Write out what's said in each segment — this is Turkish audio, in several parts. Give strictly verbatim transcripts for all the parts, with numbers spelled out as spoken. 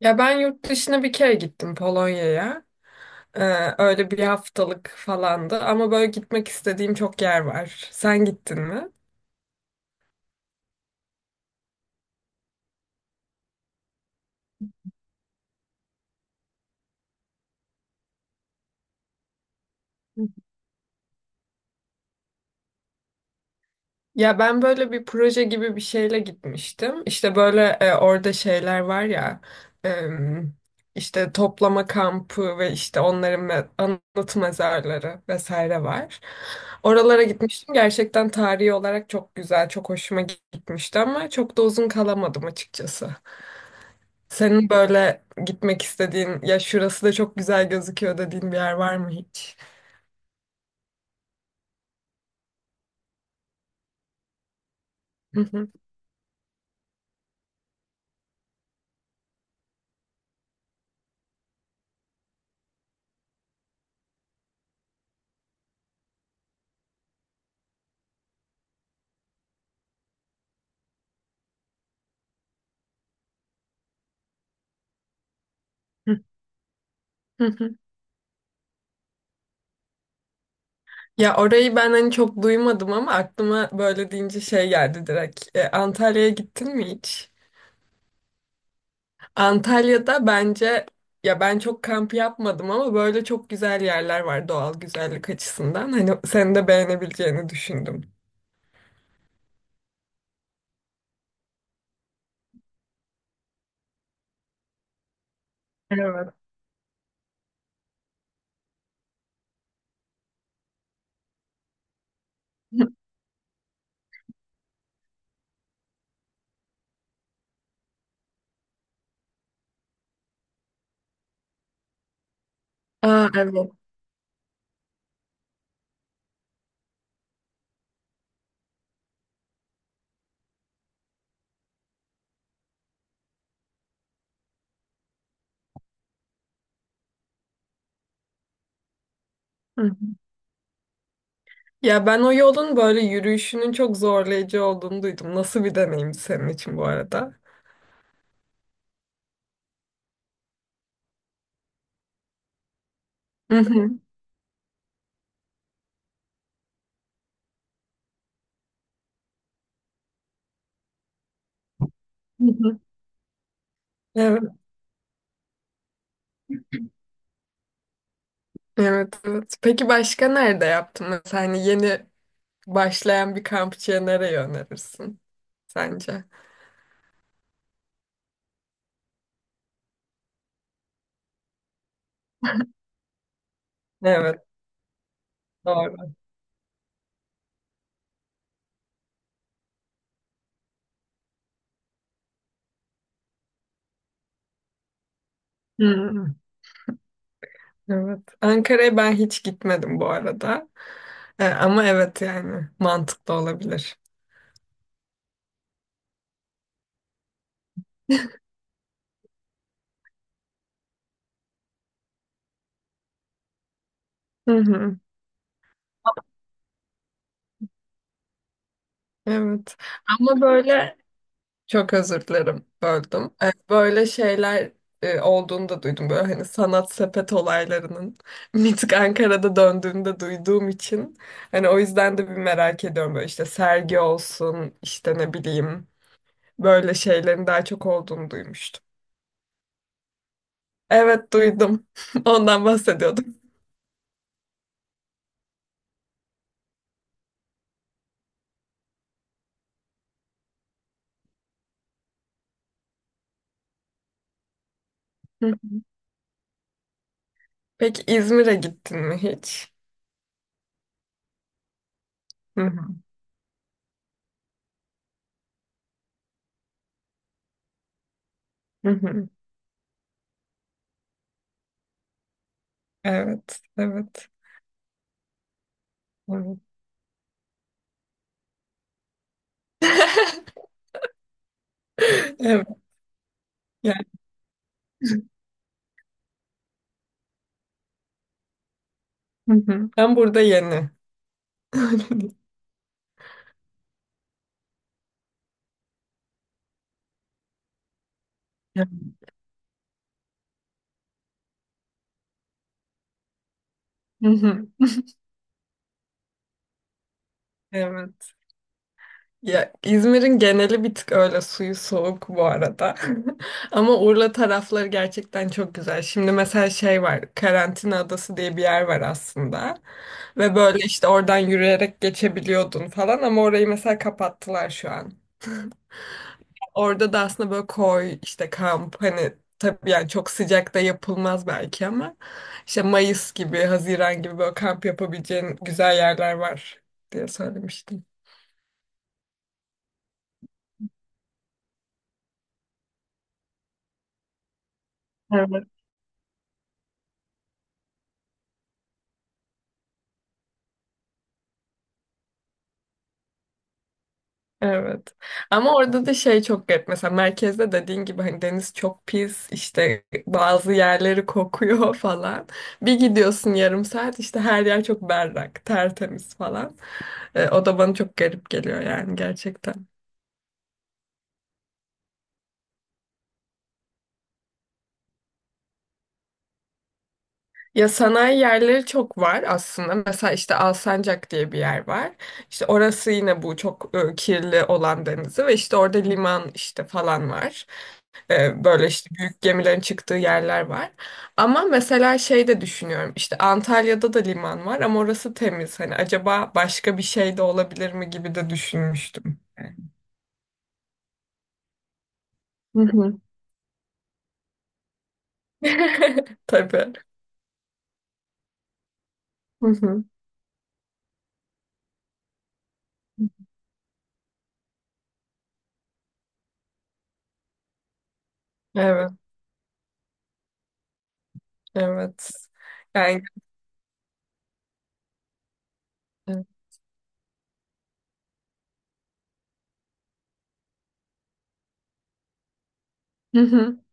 Ya ben yurt dışına bir kere gittim Polonya'ya. Ee, Öyle bir haftalık falandı ama böyle gitmek istediğim çok yer var. Sen gittin mi? Ya ben böyle bir proje gibi bir şeyle gitmiştim. İşte böyle e, orada şeyler var ya e, işte toplama kampı ve işte onların me- anıt mezarları vesaire var. Oralara gitmiştim. Gerçekten tarihi olarak çok güzel, çok hoşuma gitmişti ama çok da uzun kalamadım açıkçası. Senin böyle gitmek istediğin, ya şurası da çok güzel gözüküyor dediğin bir yer var mı hiç? Hı hı, hı hı, hı. Ya orayı ben hani çok duymadım ama aklıma böyle deyince şey geldi direkt. E, Antalya'ya gittin mi hiç? Antalya'da bence ya ben çok kamp yapmadım ama böyle çok güzel yerler var doğal güzellik açısından. Hani senin de beğenebileceğini düşündüm. Evet. Aa evet. Ya ben o yolun böyle yürüyüşünün çok zorlayıcı olduğunu duydum. Nasıl bir deneyimdi senin için bu arada? Hı hı. Hı hı. Evet, evet, evet. Peki başka nerede yaptın? Mesela hani yeni başlayan bir kampçıya nereye önerirsin sence? Evet, doğru. Hı. Evet. Ankara'ya ben hiç gitmedim bu arada. E, ama evet yani mantıklı olabilir. Hı hı. Evet. Ama böyle çok özür dilerim böldüm. Ee, Böyle şeyler e, olduğunu da duydum. Böyle hani sanat sepet olaylarının mitik Ankara'da döndüğünde duyduğum için. Hani o yüzden de bir merak ediyorum. Böyle işte sergi olsun işte ne bileyim böyle şeylerin daha çok olduğunu duymuştum. Evet duydum. Ondan bahsediyordum. Hı. Peki İzmir'e gittin mi hiç? Hı hı. Hı hı. Evet, evet. Evet. Evet. Yani. Hı hı. Ben burada yeni. Hı hı. Evet. Ya İzmir'in geneli bir tık öyle suyu soğuk bu arada. Ama Urla tarafları gerçekten çok güzel. Şimdi mesela şey var. Karantina Adası diye bir yer var aslında. Ve böyle işte oradan yürüyerek geçebiliyordun falan ama orayı mesela kapattılar şu an. Orada da aslında böyle koy işte kamp hani tabii yani çok sıcakta yapılmaz belki ama işte Mayıs gibi, Haziran gibi böyle kamp yapabileceğin güzel yerler var diye söylemiştim. Evet. Ama orada da şey çok garip. Mesela merkezde dediğin gibi hani deniz çok pis, işte bazı yerleri kokuyor falan. Bir gidiyorsun yarım saat işte her yer çok berrak, tertemiz falan. Ee, o da bana çok garip geliyor yani gerçekten. Ya sanayi yerleri çok var aslında. Mesela işte Alsancak diye bir yer var. İşte orası yine bu çok e, kirli olan denizi ve işte orada liman işte falan var. E, Böyle işte büyük gemilerin çıktığı yerler var. Ama mesela şey de düşünüyorum. İşte Antalya'da da liman var ama orası temiz. Hani acaba başka bir şey de olabilir mi gibi de düşünmüştüm. Hı hı. Tabii. Hı hı. Evet. Evet. Yani evet. Hı hı.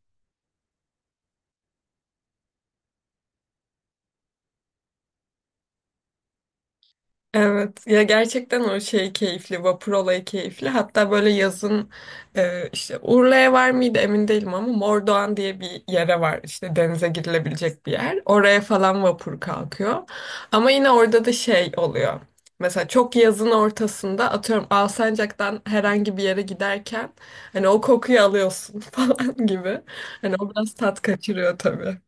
Evet ya gerçekten o şey keyifli vapur olayı keyifli hatta böyle yazın e, işte Urla'ya var mıydı emin değilim ama Mordoğan diye bir yere var işte denize girilebilecek bir yer oraya falan vapur kalkıyor ama yine orada da şey oluyor mesela çok yazın ortasında atıyorum Alsancak'tan herhangi bir yere giderken hani o kokuyu alıyorsun falan gibi hani o biraz tat kaçırıyor tabii.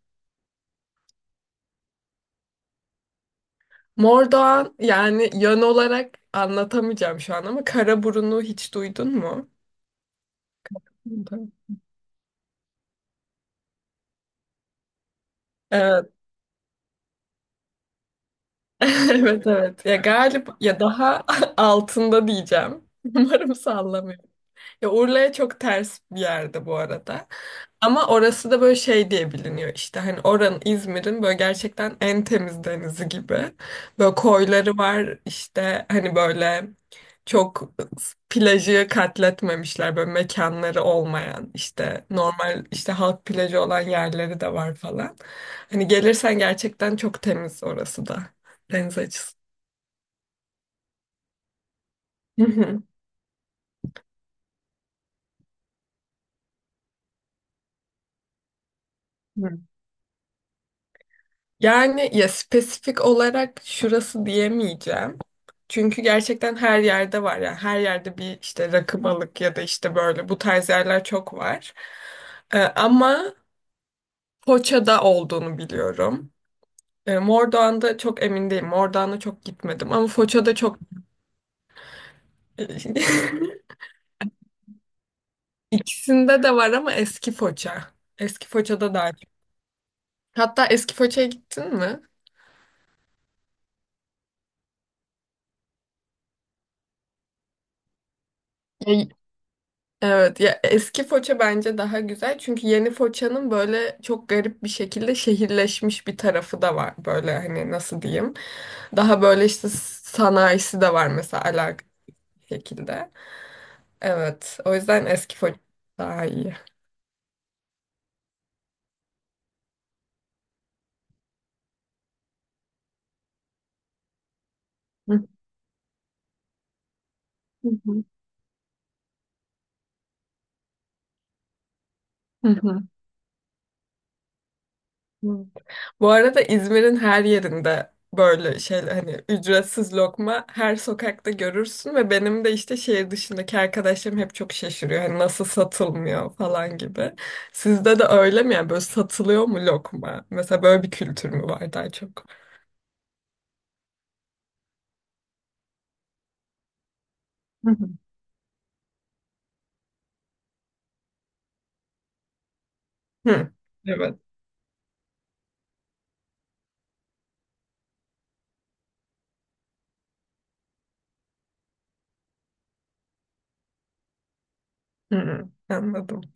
Mordoğan yani yön olarak anlatamayacağım şu an ama Karaburun'u hiç duydun mu? Duydum. Evet, evet, evet. Ya galip ya daha altında diyeceğim. Umarım sallamıyorum. Ya Urla'ya çok ters bir yerde bu arada. Ama orası da böyle şey diye biliniyor işte hani oranın İzmir'in böyle gerçekten en temiz denizi gibi. Böyle koyları var işte hani böyle çok plajı katletmemişler böyle mekanları olmayan işte normal işte halk plajı olan yerleri de var falan. Hani gelirsen gerçekten çok temiz orası da deniz açısından. Yani ya spesifik olarak şurası diyemeyeceğim. Çünkü gerçekten her yerde var yani her yerde bir işte rakı balık ya da işte böyle bu tarz yerler çok var. Ee, ama Foça'da olduğunu biliyorum. Ee, Mordoğan'da çok emin değilim. Mordoğan'a çok gitmedim ama Foça'da çok ikisinde de var ama eski Foça. Eski Foça'da daha çok. Hatta eski Foça'ya gittin mi? Evet ya eski Foça bence daha güzel çünkü yeni Foça'nın böyle çok garip bir şekilde şehirleşmiş bir tarafı da var böyle hani nasıl diyeyim daha böyle işte sanayisi de var mesela alakalı bir şekilde evet o yüzden eski Foça daha iyi. Hı hı. Hı hı. Hı. Bu arada İzmir'in her yerinde böyle şey hani ücretsiz lokma her sokakta görürsün ve benim de işte şehir dışındaki arkadaşlarım hep çok şaşırıyor. Hani nasıl satılmıyor falan gibi. Sizde de öyle mi yani böyle satılıyor mu lokma? Mesela böyle bir kültür mü var daha çok? Hı hı. Hı. Evet. Hı, hı. Anladım.